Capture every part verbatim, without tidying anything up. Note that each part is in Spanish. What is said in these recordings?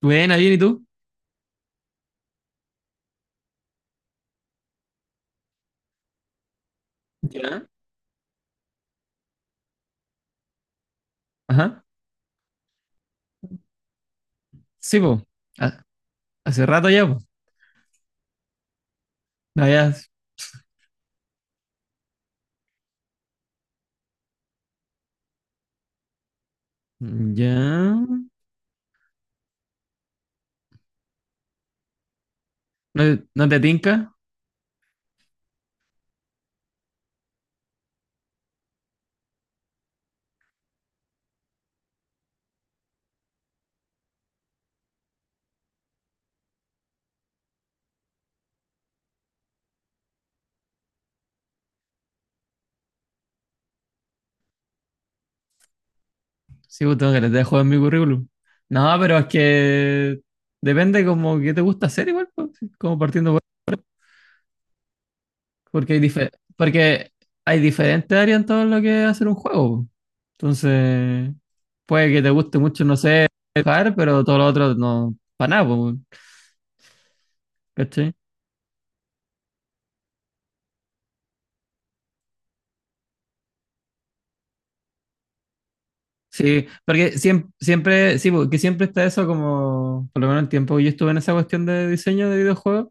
Buena, bien, ¿y tú? Ya. Ajá. Sí, po. Ha- Hace rato ya, po. No, ya. Ya. ¿No, no te tinca? Sí, po, tengo que les dejo en mi currículum. No, pero es que depende como que te gusta hacer igual, po, sí, como partiendo por- porque hay dife- porque hay diferentes áreas en todo lo que es hacer un juego, po. Entonces, puede que te guste mucho, no sé, dibujar, pero todo lo otro no, para nada, po, ¿cachai? Sí, porque siempre, siempre, sí, porque siempre está eso como, por lo menos el tiempo que yo estuve en esa cuestión de diseño de videojuegos,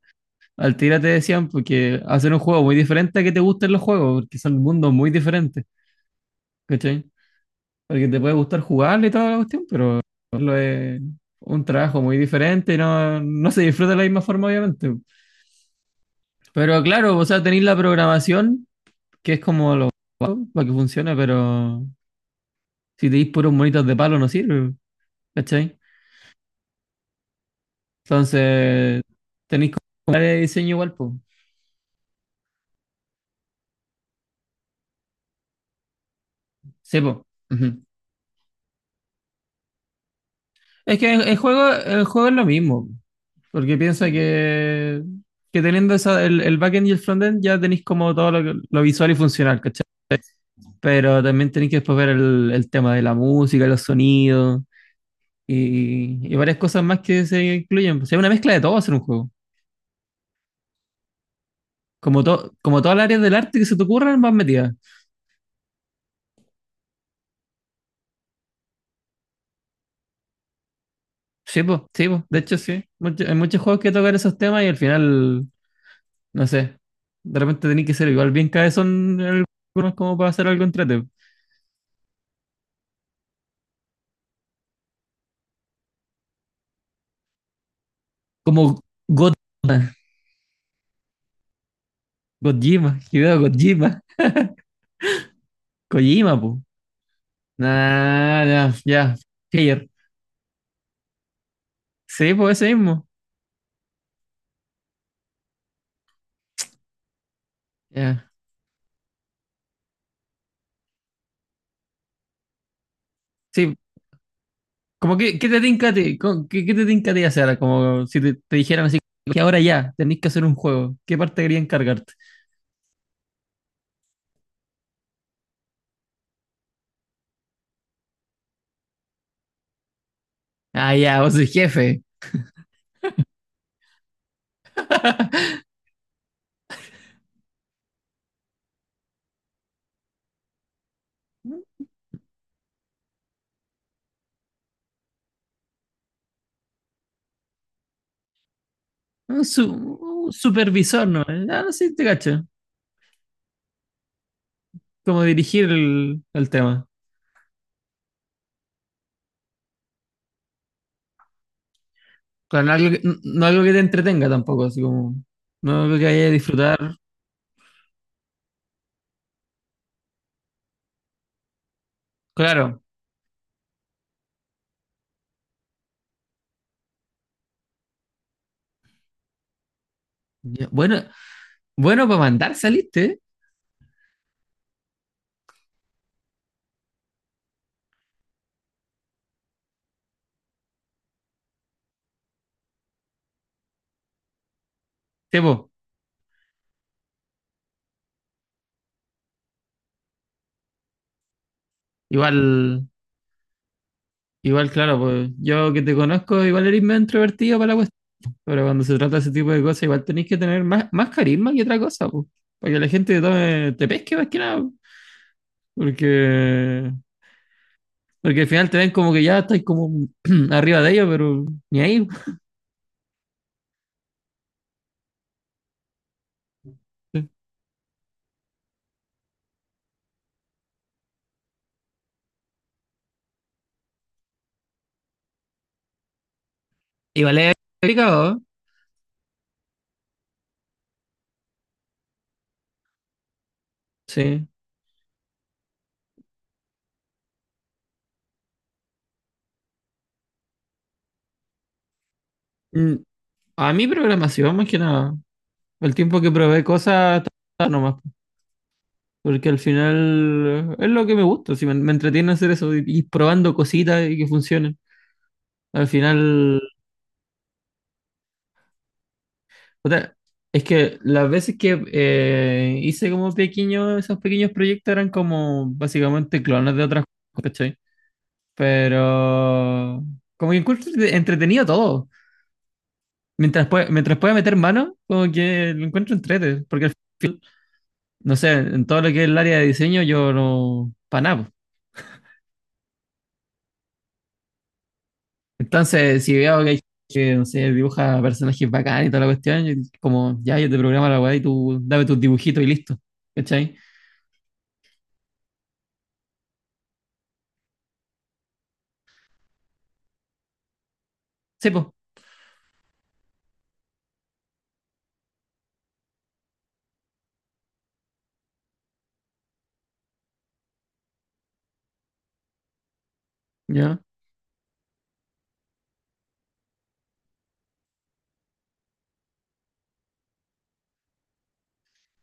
al tira te decían porque hacer un juego muy diferente a que te gusten los juegos, porque son mundos muy diferentes, ¿cachai? Porque te puede gustar jugarle y toda la cuestión, pero lo es un trabajo muy diferente y no, no se disfruta de la misma forma, obviamente. Pero claro, o sea, tenéis la programación, que es como lo básico para que funcione, pero si tenéis puros monitos de palo no sirve, ¿cachai? Entonces, tenéis que comprar el diseño igual, pues. Sí, po. Ujú. Es que el, el juego, el juego es lo mismo, porque piensa que, que teniendo esa, el, el backend y el frontend ya tenéis como todo lo, que- lo visual y funcional, ¿cachai? Pero también tenéis que después ver el, el tema de la música, los sonidos y, y varias cosas más que se incluyen. O sea, una mezcla de todo hacer un juego. Como, to- como todas las áreas del arte que se te ocurran, vas metida. Sí, pues, sí, po. De hecho, sí. Mucho- hay muchos juegos que tocan esos temas y al final no sé. De repente tenés que ser igual bien cabezón en algunos como para hacer algo entrete. Como God Gojima, Hideo Gojima, Kojima, po. Nah, nah, ya, Player. Sí, pues ese mismo. Ya. Sí, como que, ¿qué te tinca a ti? Con- ¿Qué, qué te tinca a ti hacer? Como si te, te dijeran así, que ahora ya, tenés que hacer un juego. ¿Qué parte quería encargarte? Ah, ya, vos sois jefe. Un, su- un supervisor, ¿no? Ah, no sé, te cacho. Como dirigir el, el tema. Claro, no algo que, no algo que te entretenga tampoco, así como. No algo que vaya a disfrutar. Claro. Ya, bueno, bueno, para mandar saliste, ¿eh? Sí, po. Igual, igual, claro, pues yo que te conozco, igual eres medio introvertido para la cuestión. Pero cuando se trata de ese tipo de cosas, igual tenéis que tener más, más carisma que otra cosa, pues. Para que la gente te tome- te pesque más que nada, po. Porque, porque al final te ven como que ya estás como arriba de ellos, pero ni ahí, po. Igual es complicado, ¿eh? Sí. Mm, a mi programación, más que nada. El tiempo que probé cosas está bueno nomás, porque al final es lo que me gusta, si me, me entretiene hacer eso, y- ir probando cositas y que funcionen. Al final, o sea, es que las veces que eh, hice como pequeños, esos pequeños proyectos eran como básicamente clones de otras cosas, ¿cachai? Pero como que encuentro entretenido todo. Mientras, pue- mientras pueda meter mano, como que lo encuentro entrete, porque al- no sé, en todo lo que es el área de diseño yo no, para nada. Entonces, si veo que hay gente que, no sé, dibuja personajes bacanes y toda la cuestión, yo- como, ya, yo te programo la weá y tú dame tus dibujitos y listo. ¿Cachai? Sí, pues, ¿ya?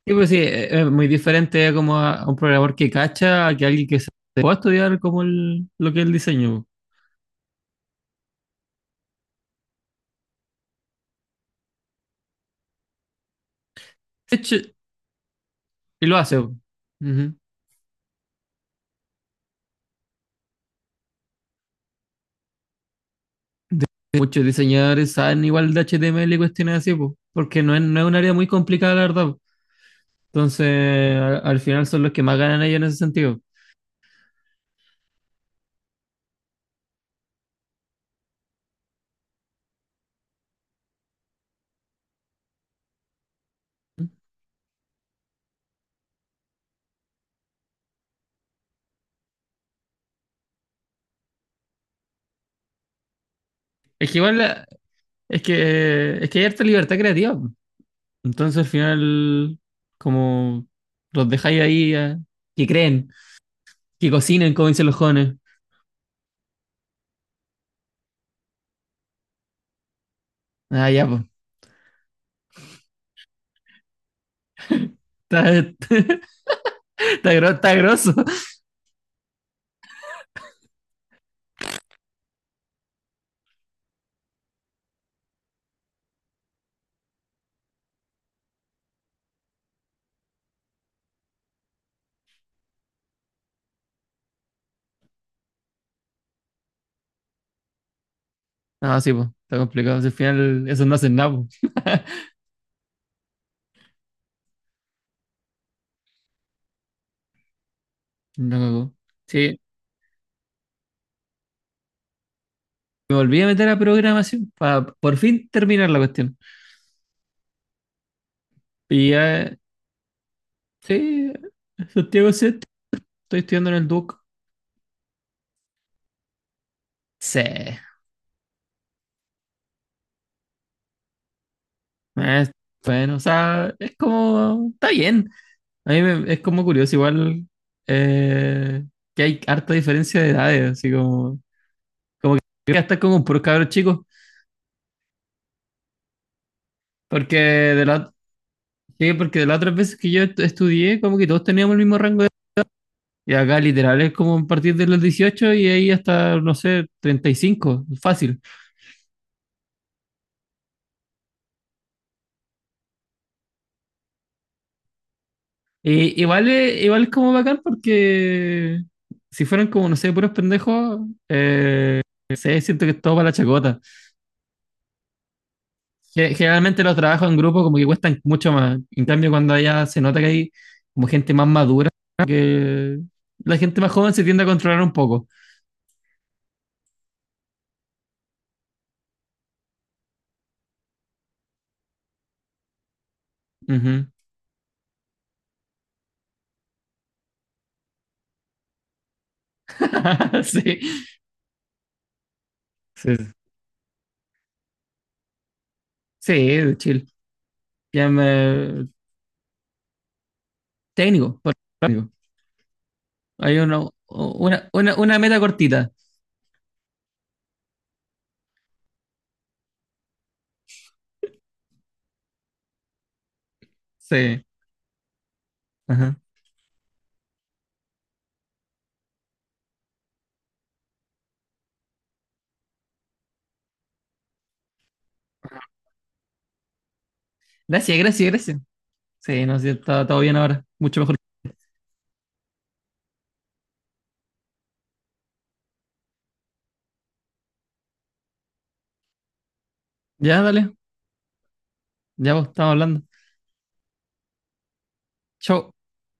Sí, pues sí, eh, es muy diferente como a, a un programador que cacha, a que alguien que se se pueda estudiar como el- lo que es el diseño. De hecho, y lo hace, po. Ujú. De- muchos diseñadores saben igual de H T M L y cuestiones así, po, porque no es, no es un área muy complicada, la verdad, po. Entonces, al, al final son los que más ganan ellos en ese sentido. Es que igual es que, es que hay harta libertad creativa. Entonces, al final, como los dejáis ahí, eh, que creen, que cocinen, como dicen los jóvenes. Ah, ya, pues. Está, está, está gro- está grosso. No, sí, pues. Está complicado. Si al final, eso no hacen nada, po. No cagó. Sí, me volví a meter a programación para por fin terminar la cuestión. Y ya, sí, Santiago Set, estoy estudiando en el Duoc. Sí, es bueno, o sea, es como, está bien. A mí me- es como curioso, igual eh, que hay harta diferencia de edades, así como... Yo voy a estar como puros cabros chicos, porque de la, sí, porque de las otras veces que yo est- estudié, como que todos teníamos el mismo rango de edad. Y acá literal es como a partir de los dieciocho y ahí hasta, no sé, treinta y cinco fácil. Y, igual, es, igual es como bacán porque si fueran como, no sé, puros pendejos, eh, no sé, siento que es todo para la chacota. Ge- Generalmente los trabajos en grupo como que cuestan mucho más. En cambio, cuando allá se nota que hay como gente más madura, que la gente más joven se tiende a controlar un poco. Ujú. Sí, sí, sí, de chill. Ya me- Técnico, por técnico. Hay una, una, una, una meta cortita. Sí. Ajá. Gracias, gracias, gracias. Sí, no, sí, está todo bien ahora. Mucho mejor. Ya, dale. Ya vos, estamos hablando. Chau.